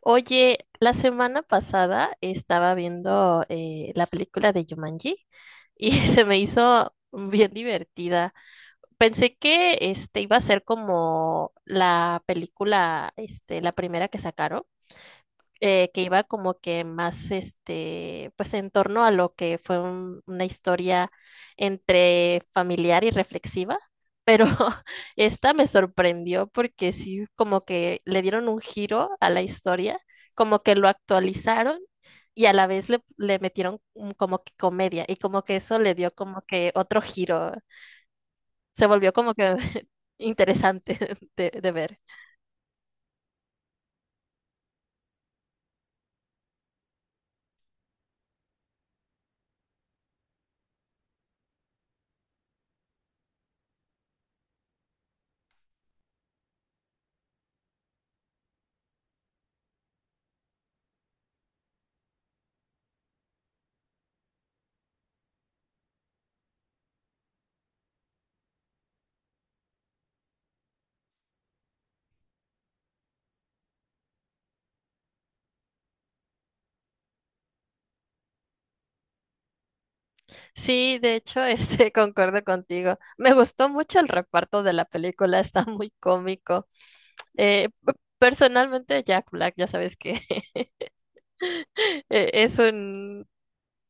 Oye, la semana pasada estaba viendo la película de Jumanji y se me hizo bien divertida. Pensé que este iba a ser como la película, este, la primera que sacaron que iba como que más, este, pues en torno a lo que fue una historia entre familiar y reflexiva, pero esta me sorprendió porque sí, como que le dieron un giro a la historia, como que lo actualizaron y a la vez le metieron como que comedia y como que eso le dio como que otro giro, se volvió como que interesante de ver. Sí, de hecho, este, concuerdo contigo. Me gustó mucho el reparto de la película, está muy cómico. Personalmente, Jack Black, ya sabes que es un,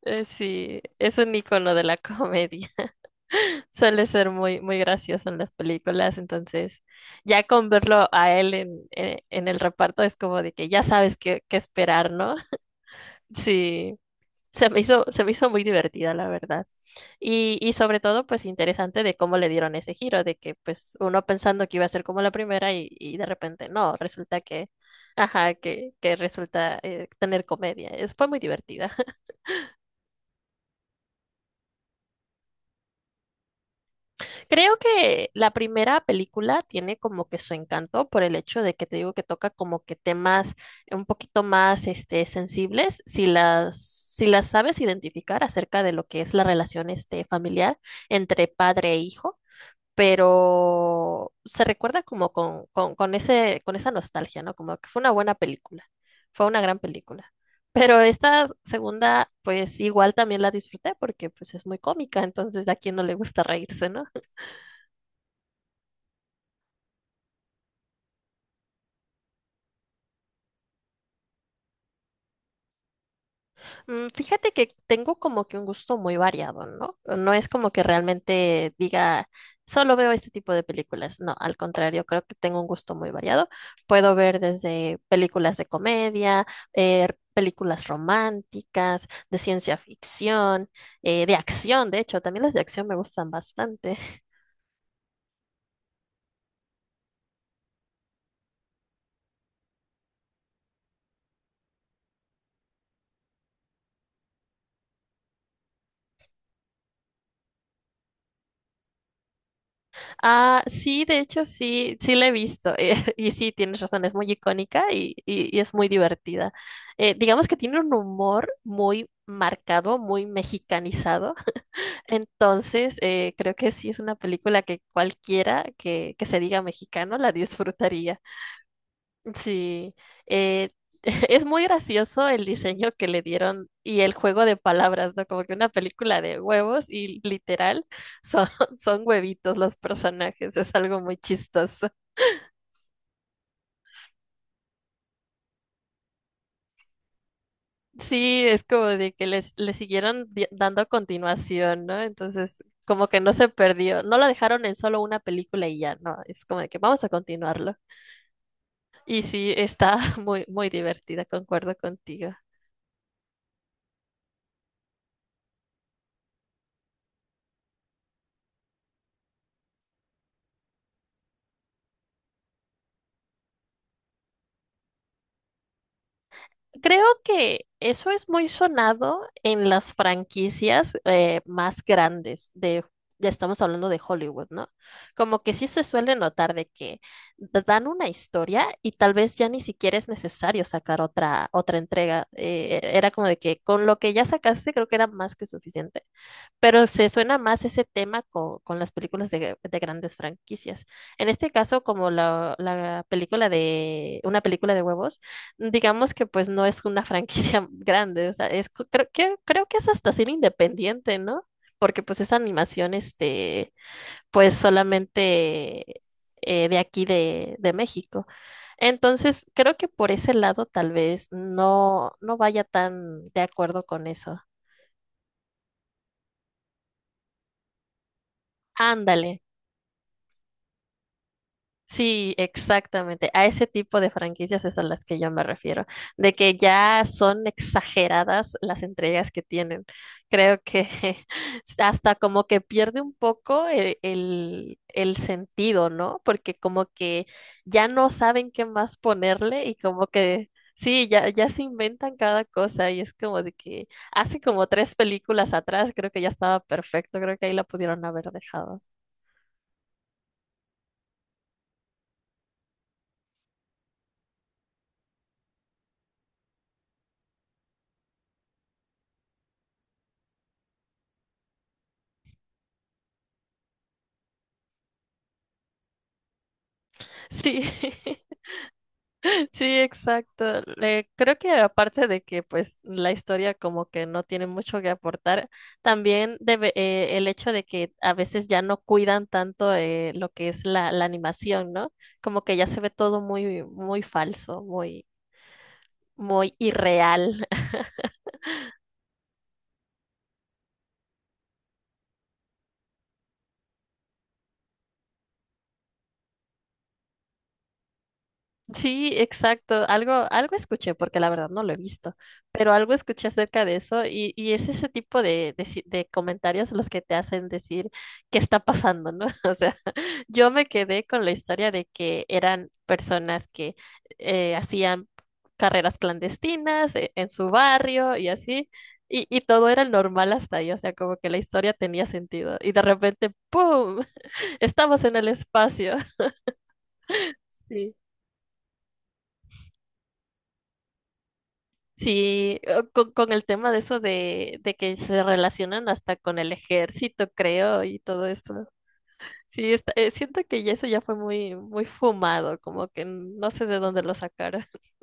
sí, es un icono de la comedia. Suele ser muy, muy gracioso en las películas, entonces ya con verlo a él en el reparto es como de que ya sabes qué esperar, ¿no? Sí. Se me hizo muy divertida, la verdad. Y sobre todo, pues interesante de cómo le dieron ese giro, de que pues uno pensando que iba a ser como la primera y de repente no, resulta que, ajá, que resulta tener comedia. Fue muy divertida. Creo que la primera película tiene como que su encanto por el hecho de que te digo que toca como que temas un poquito más este, sensibles, si las sabes identificar acerca de lo que es la relación este, familiar entre padre e hijo, pero se recuerda como con esa nostalgia, ¿no? Como que fue una buena película, fue una gran película. Pero esta segunda, pues igual también la disfruté porque pues es muy cómica, entonces a quien no le gusta reírse, ¿no? Fíjate que tengo como que un gusto muy variado, ¿no? No es como que realmente diga, solo veo este tipo de películas. No, al contrario, creo que tengo un gusto muy variado. Puedo ver desde películas de comedia, eh, películas románticas, de ciencia ficción, de acción, de hecho, también las de acción me gustan bastante. Ah, sí, de hecho sí, sí la he visto. Y sí, tienes razón, es muy icónica y es muy divertida. Digamos que tiene un humor muy marcado, muy mexicanizado. Entonces, creo que sí es una película que cualquiera que se diga mexicano la disfrutaría. Sí, eh, es muy gracioso el diseño que le dieron y el juego de palabras, ¿no? Como que una película de huevos y literal son, son huevitos los personajes, es algo muy chistoso. Sí, es como de que le siguieron dando continuación, ¿no? Entonces, como que no se perdió, no lo dejaron en solo una película y ya, no, es como de que vamos a continuarlo. Y sí, está muy, muy divertida, concuerdo contigo. Creo que eso es muy sonado en las franquicias más grandes ya estamos hablando de Hollywood, ¿no? Como que sí se suele notar de que te dan una historia y tal vez ya ni siquiera es necesario sacar otra entrega. Era como de que con lo que ya sacaste creo que era más que suficiente. Pero se suena más ese tema con, las películas de grandes franquicias. En este caso, como la película una película de huevos, digamos que pues no es una franquicia grande, o sea, es, creo que es hasta ser independiente, ¿no? Porque pues esa animación, este, pues solamente de aquí de México. Entonces, creo que por ese lado tal vez no, no vaya tan de acuerdo con eso. Ándale. Sí, exactamente. A ese tipo de franquicias es a las que yo me refiero, de que ya son exageradas las entregas que tienen. Creo que hasta como que pierde un poco el sentido, ¿no? Porque como que ya no saben qué más ponerle y como que sí, ya, ya se inventan cada cosa y es como de que hace como tres películas atrás creo que ya estaba perfecto, creo que ahí la pudieron haber dejado. Sí. Sí, exacto. Creo que aparte de que pues la historia como que no tiene mucho que aportar, también debe, el hecho de que a veces ya no cuidan tanto lo que es la animación, ¿no? Como que ya se ve todo muy, muy falso, muy, muy irreal. Sí, exacto. Algo escuché, porque la verdad no lo he visto, pero algo escuché acerca de eso y es ese tipo de, si- de comentarios los que te hacen decir qué está pasando, ¿no? O sea, yo me quedé con la historia de que eran personas que hacían carreras clandestinas en su barrio y así, y todo era normal hasta ahí, o sea, como que la historia tenía sentido y de repente, ¡pum! Estamos en el espacio. Sí, o con el tema de eso de que se relacionan hasta con el ejército, creo, y todo eso. Sí, siento que ya eso ya fue muy, muy fumado, como que no sé de dónde lo sacaron.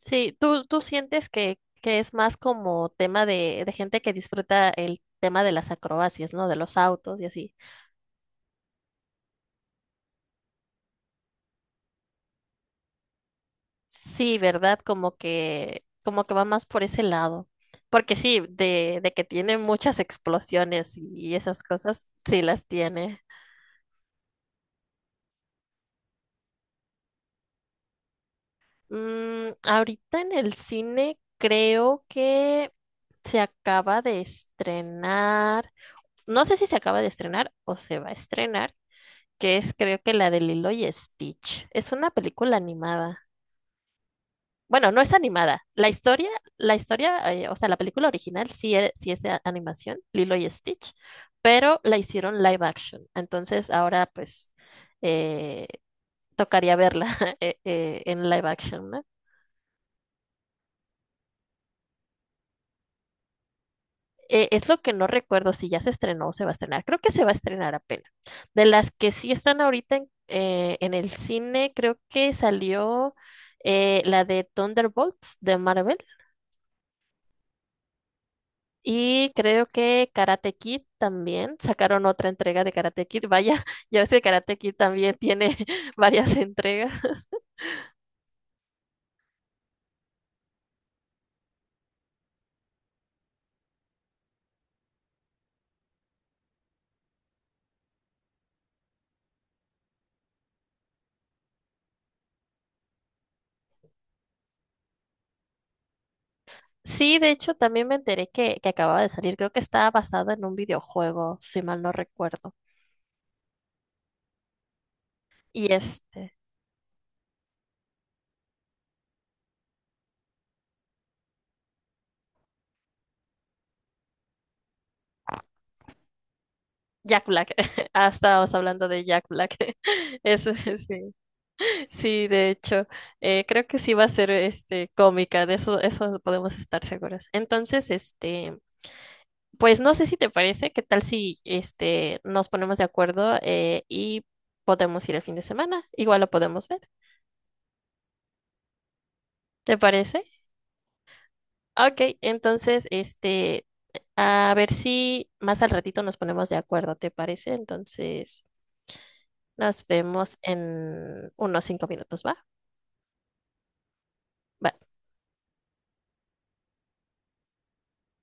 Sí, ¿tú sientes que es más como tema de gente que disfruta el tema de las acrobacias, ¿no? De los autos y así. Sí, ¿verdad? Como que va más por ese lado. Porque sí, de que tiene muchas explosiones y esas cosas, sí las tiene. Ahorita en el cine creo que se acaba de estrenar, no sé si se acaba de estrenar o se va a estrenar, que es creo que la de Lilo y Stitch. Es una película animada. Bueno, no es animada. O sea, la película original sí, sí es animación, Lilo y Stitch, pero la hicieron live action. Entonces ahora pues eh, tocaría verla en live action, ¿no? Es lo que no recuerdo si ya se estrenó o se va a estrenar. Creo que se va a estrenar apenas. De las que sí están ahorita en el cine, creo que salió la de Thunderbolts de Marvel y creo que Karate Kid también. Sacaron otra entrega de Karate Kid. Vaya, ya ves que Karate Kid también tiene varias entregas. Sí, de hecho, también me enteré que acababa de salir. Creo que estaba basado en un videojuego, si mal no recuerdo. Y este. Jack Black. Ah, estábamos hablando de Jack Black. Eso, sí. Sí, de hecho, creo que sí va a ser este cómica, de eso, eso podemos estar seguras. Entonces, este, pues no sé si te parece, qué tal si este nos ponemos de acuerdo y podemos ir el fin de semana. Igual lo podemos ver. ¿Te parece? Ok, entonces, este, a ver si más al ratito nos ponemos de acuerdo, ¿te parece? Entonces, nos vemos en unos 5 minutos, ¿va? Va.